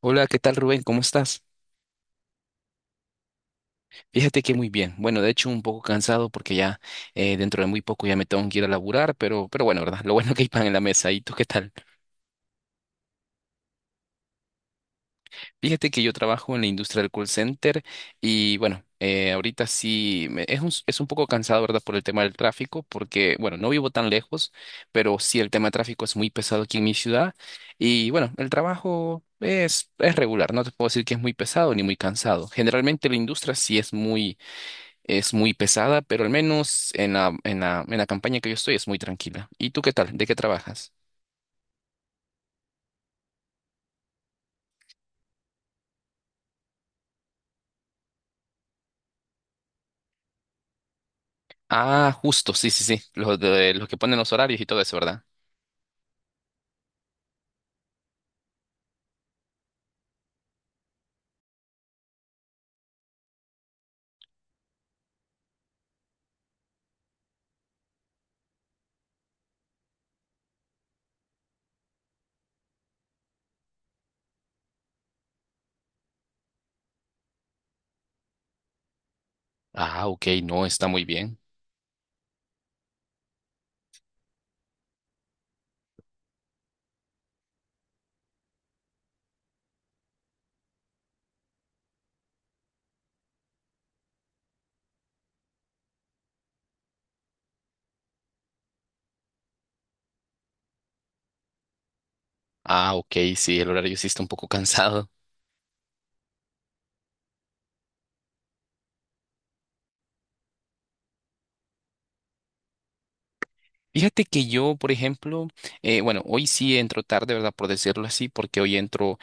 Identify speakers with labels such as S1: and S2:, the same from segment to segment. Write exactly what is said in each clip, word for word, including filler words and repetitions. S1: Hola, ¿qué tal Rubén? ¿Cómo estás? Fíjate que muy bien. Bueno, de hecho un poco cansado porque ya eh, dentro de muy poco ya me tengo que ir a laburar, pero, pero bueno, ¿verdad? Lo bueno que hay pan en la mesa. ¿Y tú qué tal? Fíjate que yo trabajo en la industria del call center y bueno, eh, ahorita sí me- es un, es un poco cansado, ¿verdad? Por el tema del tráfico, porque bueno, no vivo tan lejos, pero sí el tema de tráfico es muy pesado aquí en mi ciudad y bueno, el trabajo... Es, es regular, no te puedo decir que es muy pesado ni muy cansado. Generalmente la industria sí es muy. Es muy pesada, pero al menos en la, en la, en la campaña que yo estoy es muy tranquila. ¿Y tú qué tal? ¿De qué trabajas? Ah, justo, sí, sí, sí. Los de, los que ponen los horarios y todo eso, ¿verdad? Ah, ok, no, está muy bien. Ah, ok, sí, el horario sí está un poco cansado. Fíjate que yo, por ejemplo, eh, bueno, hoy sí entro tarde, ¿verdad? Por decirlo así, porque hoy entro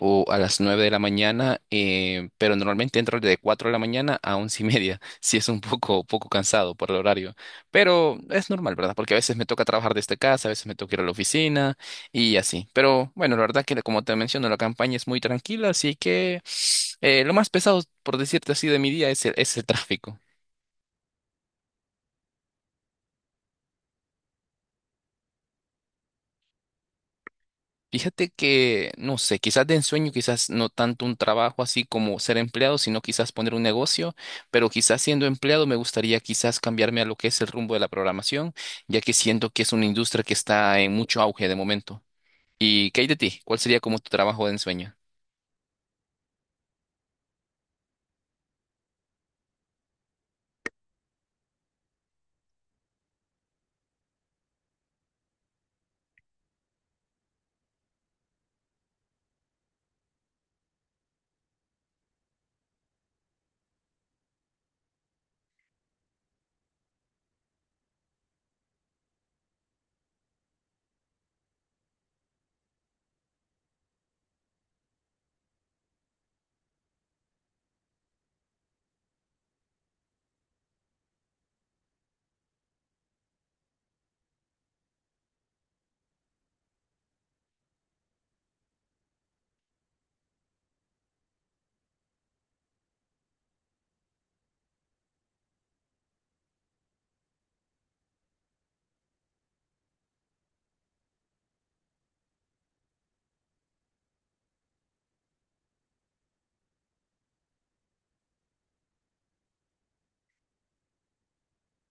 S1: o, a las nueve de la mañana, eh, pero normalmente entro de cuatro de la mañana a once y media. Sí es un poco, poco cansado por el horario, pero es normal, ¿verdad? Porque a veces me toca trabajar desde casa, a veces me toca ir a la oficina y así. Pero bueno, la verdad que como te menciono, la campaña es muy tranquila, así que eh, lo más pesado, por decirte así, de mi día es el, es el tráfico. Fíjate que, no sé, quizás de ensueño, quizás no tanto un trabajo así como ser empleado, sino quizás poner un negocio, pero quizás siendo empleado me gustaría quizás cambiarme a lo que es el rumbo de la programación, ya que siento que es una industria que está en mucho auge de momento. ¿Y qué hay de ti? ¿Cuál sería como tu trabajo de ensueño?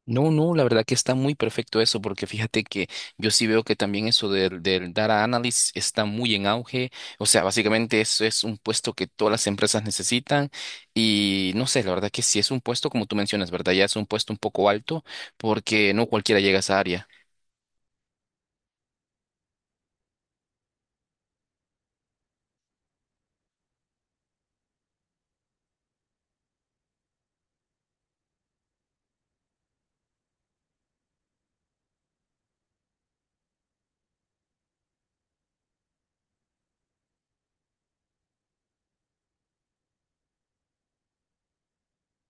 S1: No, no, la verdad que está muy perfecto eso, porque fíjate que yo sí veo que también eso del, del data analyst está muy en auge. O sea, básicamente eso es un puesto que todas las empresas necesitan. Y no sé, la verdad que sí es un puesto, como tú mencionas, ¿verdad? Ya es un puesto un poco alto, porque no cualquiera llega a esa área.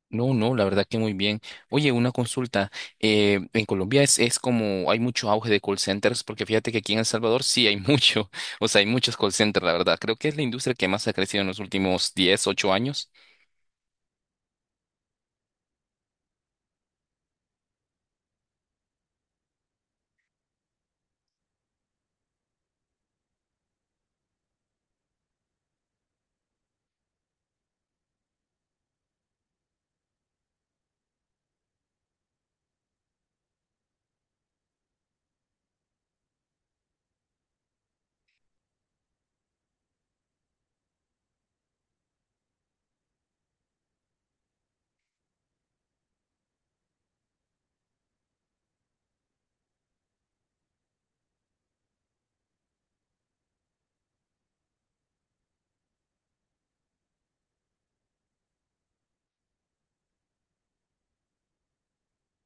S1: No, no, la verdad que muy bien. Oye, una consulta. Eh, en Colombia es, es como hay mucho auge de call centers, porque fíjate que aquí en El Salvador sí hay mucho, o sea, hay muchos call centers, la verdad. Creo que es la industria que más ha crecido en los últimos diez, ocho años.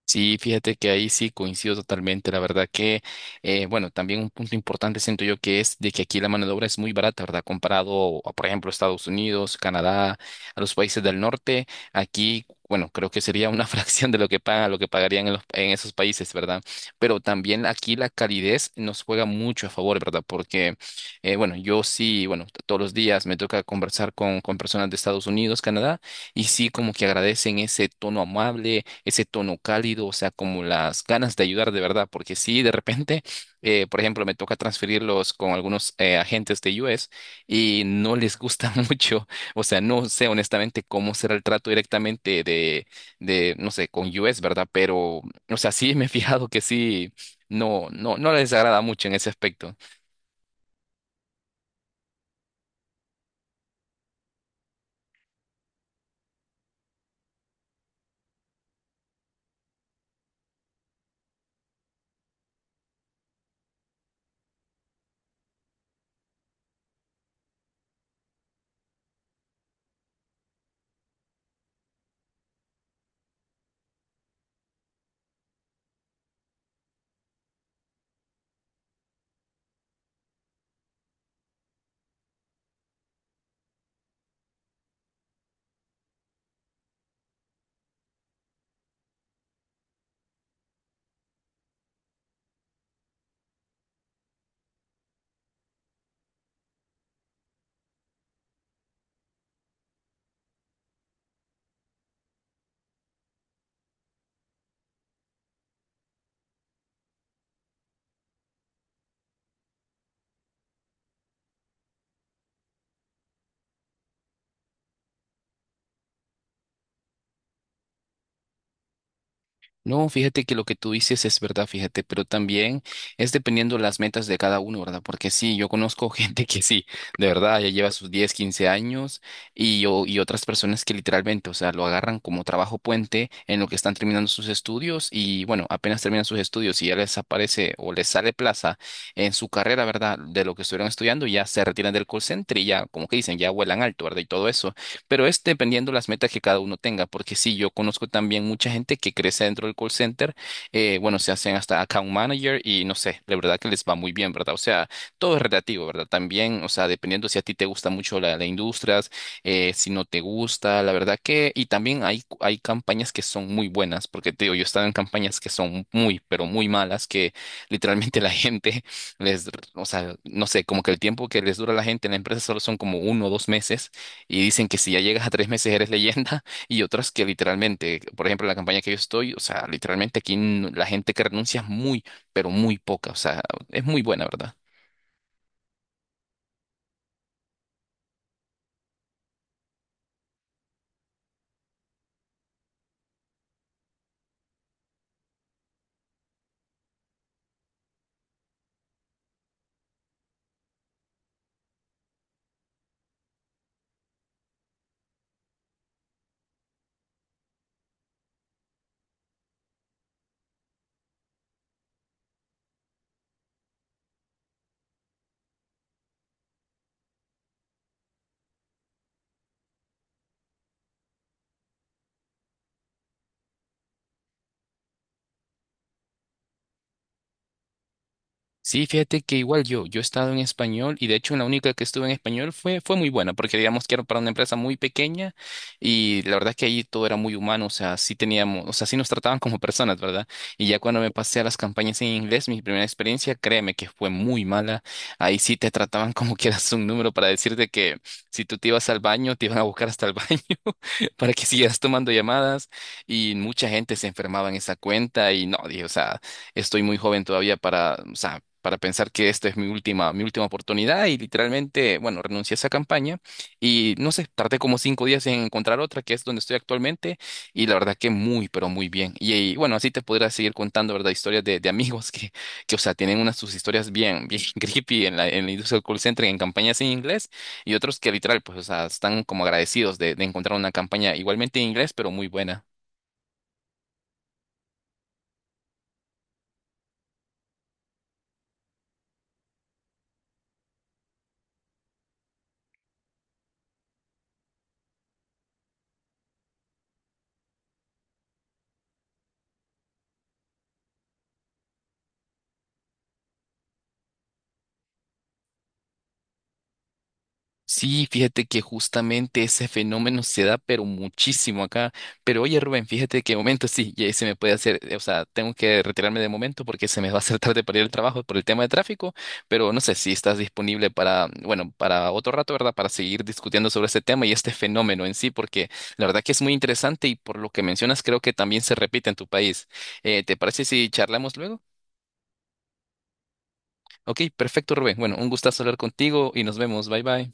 S1: Sí, fíjate que ahí sí coincido totalmente. La verdad que, eh, bueno, también un punto importante siento yo que es de que aquí la mano de obra es muy barata, ¿verdad? Comparado a, por ejemplo, Estados Unidos, Canadá, a los países del norte, aquí, bueno, creo que sería una fracción de lo que pagan, lo que pagarían en, los- en esos países, ¿verdad? Pero también aquí la calidez nos juega mucho a favor, ¿verdad? Porque, eh, bueno, yo sí, bueno, t- todos los días me toca conversar con, con personas de Estados Unidos, Canadá. Y sí, como que agradecen ese tono amable, ese tono cálido, o sea, como las ganas de ayudar de verdad, porque sí, de repente, eh, por ejemplo, me toca transferirlos con algunos eh, agentes de U S y no les gusta mucho, o sea, no sé honestamente cómo será el trato directamente de, de, no sé, con U S, ¿verdad? Pero, o sea, sí me he fijado que sí, no, no, no les agrada mucho en ese aspecto. No, fíjate que lo que tú dices es verdad, fíjate, pero también es dependiendo las metas de cada uno, ¿verdad? Porque sí, yo conozco gente que sí, de verdad, ya lleva sus diez, quince años y, o y otras personas que literalmente, o sea, lo agarran como trabajo puente en lo que están terminando sus estudios y bueno, apenas terminan sus estudios y ya les aparece o les sale plaza en su carrera, ¿verdad? De lo que estuvieron estudiando, ya se retiran del call center y ya, como que dicen, ya vuelan alto, ¿verdad? Y todo eso. Pero es dependiendo las metas que cada uno tenga, porque sí, yo conozco también mucha gente que crece dentro del call center, eh, bueno, se hacen hasta account manager y no sé, la verdad que les va muy bien, ¿verdad? O sea, todo es relativo, ¿verdad? También, o sea, dependiendo si a ti te gusta mucho la, la industria, eh, si no te gusta, la verdad que, y también hay, hay campañas que son muy buenas, porque te digo, yo he estado en campañas que son muy, pero muy malas, que literalmente la gente les, o sea, no sé, como que el tiempo que les dura a la gente en la empresa solo son como uno o dos meses y dicen que si ya llegas a tres meses eres leyenda y otras que literalmente, por ejemplo, la campaña que yo estoy, o sea, literalmente aquí n- la gente que renuncia es muy, pero muy poca, o sea, es muy buena, ¿verdad? Sí, fíjate que igual yo, yo he estado en español y de hecho la única que estuve en español fue, fue muy buena porque digamos que era para una empresa muy pequeña y la verdad que ahí todo era muy humano, o sea, sí teníamos, o sea, sí nos trataban como personas, ¿verdad? Y ya cuando me pasé a las campañas en inglés, mi primera experiencia, créeme que fue muy mala, ahí sí te trataban como que eras un número para decirte que si tú te ibas al baño, te iban a buscar hasta el baño para que siguieras tomando llamadas y mucha gente se enfermaba en esa cuenta y no, dije, o sea estoy muy joven todavía para, o sea, para pensar que esta es mi última, mi última oportunidad y literalmente, bueno, renuncié a esa campaña y no sé, tardé como cinco días en encontrar otra que es donde estoy actualmente y la verdad que muy, pero muy bien. Y, y, bueno, así te podría seguir contando, ¿verdad? Historias de, de amigos que, que, o sea, tienen unas sus historias bien, bien creepy en la, en la industria del call center, en campañas en inglés y otros que literal, pues, o sea, están como agradecidos de, de encontrar una campaña igualmente en inglés, pero muy buena. Sí, fíjate que justamente ese fenómeno se da, pero muchísimo acá. Pero oye, Rubén, fíjate que de momento sí, ya se me puede hacer, eh, o sea, tengo que retirarme de momento porque se me va a hacer tarde para ir al trabajo por el tema de tráfico, pero no sé si estás disponible para, bueno, para otro rato, ¿verdad? Para seguir discutiendo sobre este tema y este fenómeno en sí, porque la verdad que es muy interesante y por lo que mencionas creo que también se repite en tu país. Eh, ¿te parece si charlamos luego? Ok, perfecto, Rubén. Bueno, un gustazo hablar contigo y nos vemos. Bye bye.